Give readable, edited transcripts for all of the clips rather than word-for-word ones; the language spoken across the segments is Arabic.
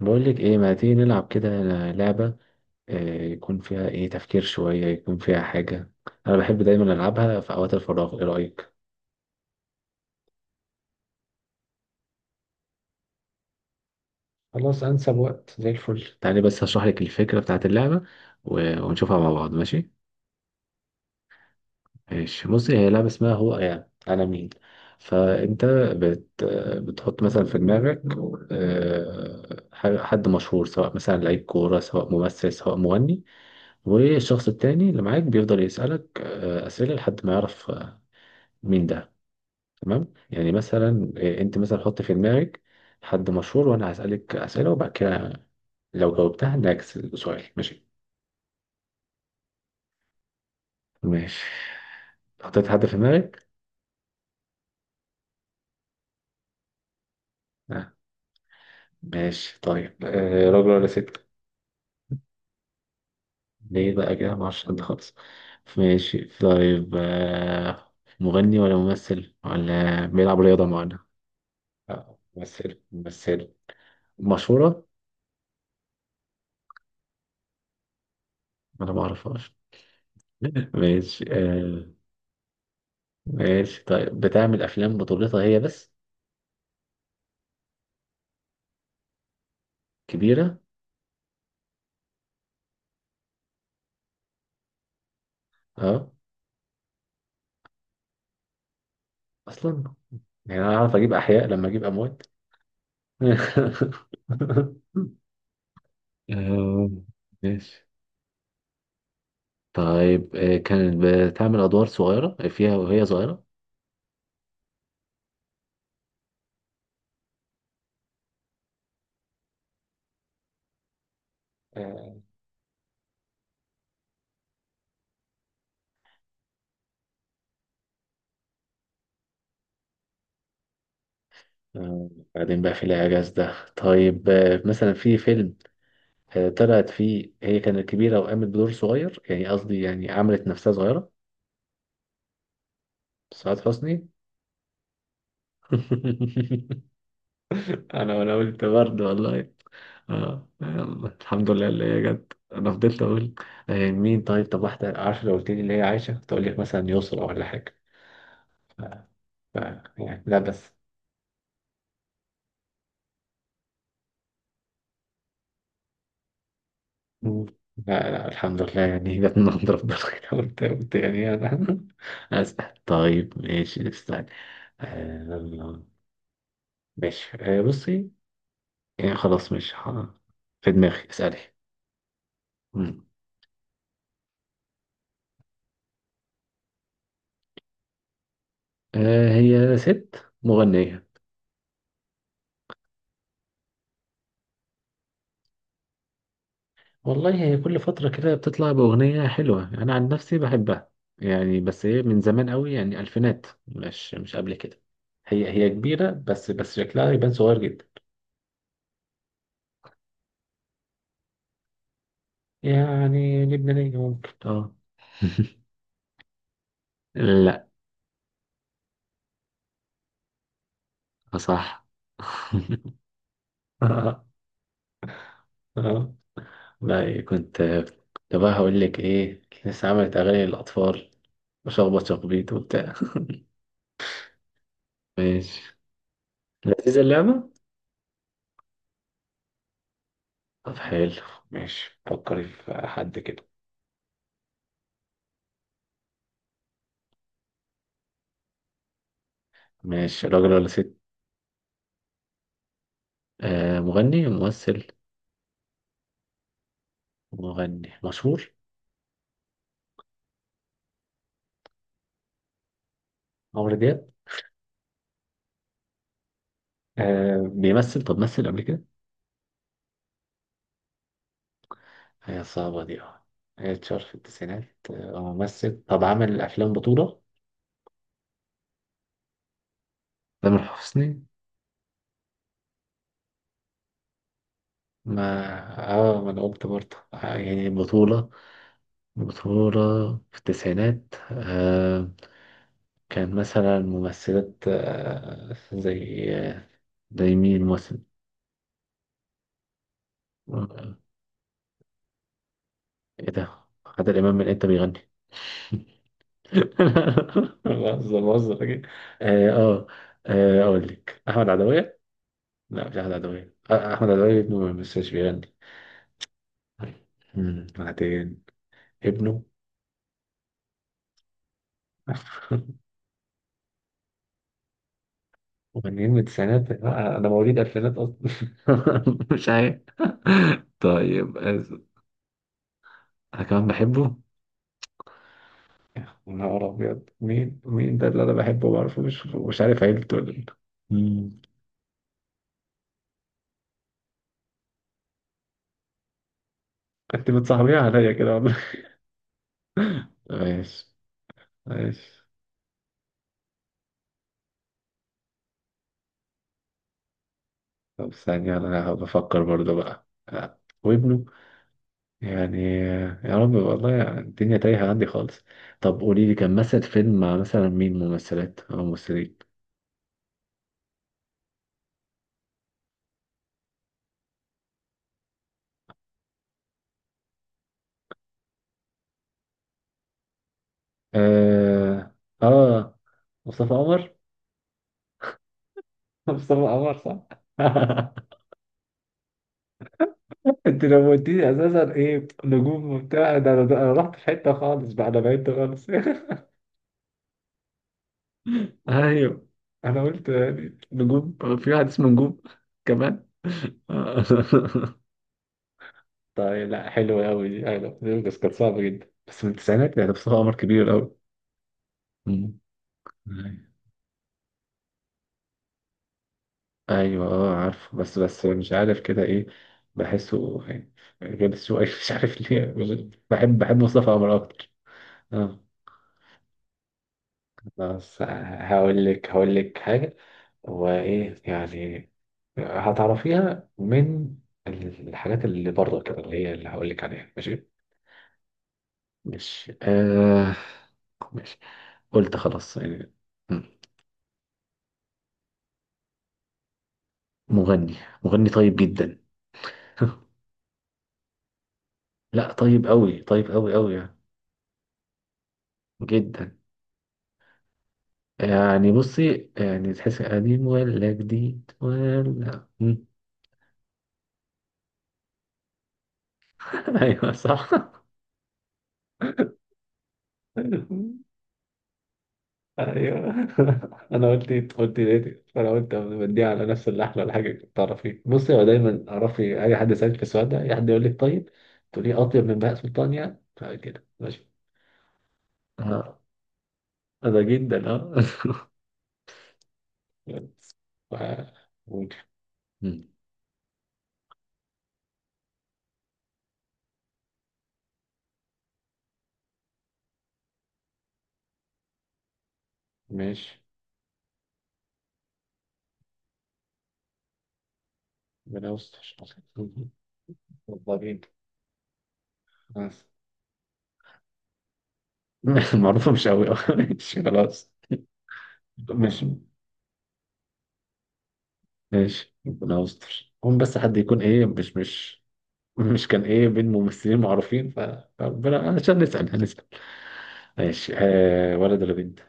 بقولك ايه؟ ما تيجي نلعب كده لعبة؟ يكون فيها ايه؟ تفكير شوية، يكون فيها حاجة انا بحب دايما العبها في اوقات الفراغ. ايه رأيك؟ خلاص، انسب وقت زي الفل. تعالي بس هشرح لك الفكرة بتاعت اللعبة و- ونشوفها مع بعض، ماشي؟ ماشي، بصي، هي لعبة اسمها هو، يعني انا مين. فانت بت... بتحط مثلا في دماغك حد مشهور، سواء مثلا لعيب كورة، سواء ممثل، سواء مغني. والشخص التاني اللي معاك بيفضل يسألك أسئلة لحد ما يعرف مين ده. تمام؟ يعني مثلا انت مثلا حط في دماغك حد مشهور، وانا هسألك أسئلة، وبعد كده لو جاوبتها نعكس السؤال، ماشي؟ ماشي. حطيت حد في دماغك؟ آه. ماشي طيب، آه، راجل ولا ست؟ ليه بقى كده؟ معرفش حد خالص. ماشي طيب، آه، مغني ولا ممثل ولا بيلعب رياضة معينة؟ آه، ممثل ممثل. مشهورة؟ أنا ما أعرفهاش. ماشي، آه. ماشي طيب، بتعمل أفلام بطولتها هي بس؟ كبيرة؟ اه، اصلا؟ يعني انا اعرف اجيب احياء لما اجيب اموات. آه، ماشي طيب، كانت بتعمل ادوار صغيرة فيها وهي صغيرة؟ آه، بعدين بقى في الإعجاز ده، طيب، مثلا في فيلم طلعت فيه هي كانت كبيرة وقامت بدور صغير، يعني قصدي يعني عملت نفسها صغيرة؟ سعاد حسني. انا قلت برضه والله. اه، يلا الحمد لله اللي هي جت، انا فضلت اقول مين. طيب، طب واحده عارفه، لو قلت لي اللي هي عايشه كنت اقول لك مثلا يسرا ولا حاجه. ف... ف... يعني لا بس. مم. لا الحمد لله، يعني جت من عند ربنا كده. قلت قلت يعني انا اسال. طيب ماشي، استنى. آه، ماشي، بصي، يعني خلاص مش في دماغي، اسالي. مم. هي ست مغنيه. والله هي كل فترة كده بتطلع بأغنية حلوة، أنا عن نفسي بحبها، يعني. بس هي من زمان قوي، يعني ألفينات، مش قبل كده. هي كبيرة بس شكلها يبان صغير جدا. يعني لبنانية ممكن، اه. لا. صح. اه، آه. لا كنت كنت بقى هقول لك ايه، لسه عملت اغاني للاطفال وشخبط شخبيط وبتاع. ماشي، لذيذة اللعبة. طب حلو، ماشي، فكري في حد كده. ماشي، راجل ولا ست؟ آه، مغني، ممثل؟ مغني مشهور؟ عمرو دياب؟ آه، بيمثل؟ طب مثل قبل كده؟ هي صعبة دي، اه. هي اتشهر في التسعينات. آه هو ممثل، طب عمل أفلام بطولة؟ تامر حسني؟ ما اه، ما أنا قلت برضه، يعني بطولة، بطولة في التسعينات. آه، كان مثلا ممثلات زي زي مين ممثل؟ آه، ايه ده؟ عادل إمام من انت بيغني؟ بهزر، بهزر أكيد. اه اه، اقول لك احمد عدوية. لا مش احمد عدوية، احمد عدوية ابنه بس مش بيغني. مم، بعدين ابنه. مغنيين من التسعينات؟ لا، انا مواليد الفينات اصلا. مش عارف. طيب، انا كمان بحبه. يا نهار ابيض، مين مين ده اللي انا بحبه ما اعرفه؟ مش عارف عيلته ولا إيه. مم. انت بتصاحبيها عليا كده والله. ماشي. ماشي. طب ثانية، أنا بفكر برضه بقى، وابنه، يعني يا رب، والله يعني الدنيا تايهة عندي خالص. طب قولي لي كان مثل فيلم مع مثلا مين، ممثلات أو ممثلين؟ آه آه مصطفى قمر. مصطفى قمر صح. انت لو قلتيلي اساسا ايه نجوم وبتاع، ده انا ده أنا رحت في حته خالص بقى، انا بعدت خالص. ايوه، انا قلت يعني نجوم، في واحد اسمه نجوم كمان. طيب لا حلو قوي دي، ايوه دي كانت صعبة جدا، بس من التسعينات يعني، بصراحة عمر كبير قوي. مم. ايوه اه عارفه، بس مش عارف كده ايه، بحسه يعني غلس شوية مش عارف ليه. بحب مصطفى قمر اكتر، اه. بس هقول لك، هقول لك حاجة، هو ايه يعني، هتعرفيها من الحاجات اللي بره كده، اللي هي اللي هقول لك عليها، ماشي؟ ماشي. آه ماشي، قلت خلاص يعني. مغني. مغني طيب جدا. لا، طيب قوي، طيب قوي قوي يعني، جدا. يعني بصي، يعني تحس قديم ولا جديد، ولا مم. ايوه صح. ايوه. انا قلت إيه؟ قلت ليه؟ فانا قلت بديها على نفس اللحن ولا حاجه، تعرفي بصي، هو دايما اعرفي اي حد يسالك في السؤال ده، اي حد يقول لك طيب، تقولي اطيب من بهاء سلطان يعني، كده ماشي. اه ده جدا اه. ف- ممكن. مم. ماشي، ربنا يستر والله. خلاص. المعروفة مش قوي. ماشي، خلاص. مش ماشي، ربنا يستر، هم بس حد يكون ايه، مش كان ايه بين ممثلين معروفين، فربنا، عشان نسأل هنسأل. ماشي، آه، ولد ولا بنت؟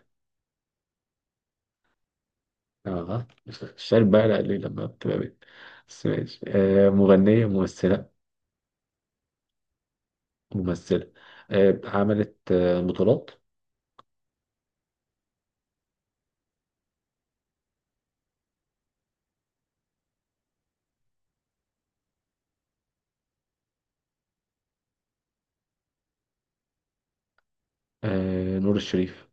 اه الشارب بقى، لا ليه لما بتبقى بنت؟ بس ماشي، آه، مغنية ممثلة؟ ممثلة. آه عملت آه بطولات؟ آه نور الشريف.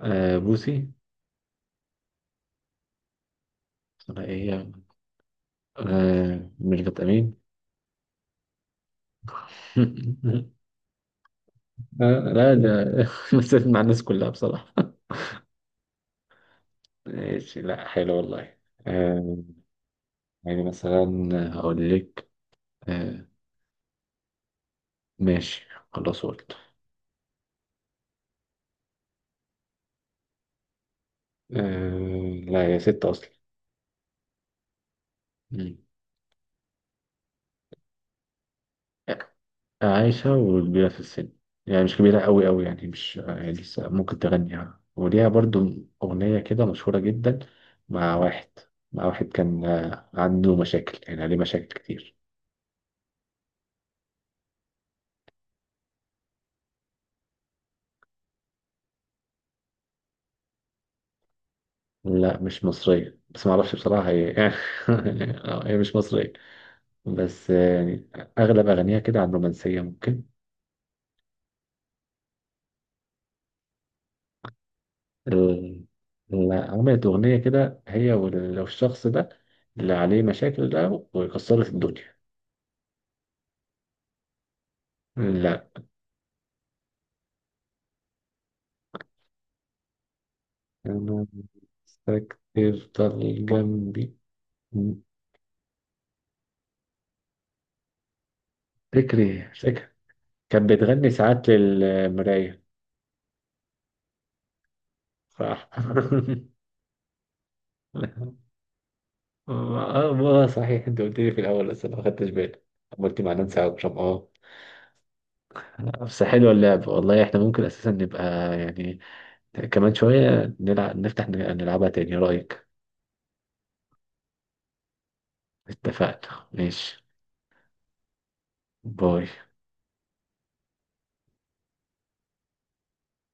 آه بوسي. اسمها ايه؟ آه ميرفت أمين. آه لا ده. مثلت مع الناس كلها بصراحة. ماشي، لا حلو والله. آه يعني مثلا هقول لك آه ماشي، خلاص قلت. آه لا هي ست أصلا. مم. عايشة وكبيرة في السن، يعني مش كبيرة قوي قوي يعني، مش يعني لسه ممكن تغنيها. وليها برضو أغنية كده مشهورة جدا مع واحد، مع واحد كان عنده مشاكل، يعني عليه مشاكل كتير. لا مش مصرية، بس ما اعرفش بصراحة هي. هي مش مصرية، بس يعني اغلب اغانيها كده عن رومانسية ممكن. ال- لا، عملت اغنية كده هي والشخص ده اللي عليه مشاكل ده، وكسرت الدنيا. لا. انا مستكتر ضل جنبي. فكري فكرة، كانت بتغني ساعات للمراية. صح. اه، ما صحيح انت قلت لي في الاول بس انا ما خدتش بالي. قلت مع نانسي عجرم، اه. بس حلوه اللعب والله، احنا ممكن اساسا نبقى يعني كمان شويه نلعب، نفتح نلعبها تاني. إيه رايك؟ اتفقنا، ماشي؟ باي.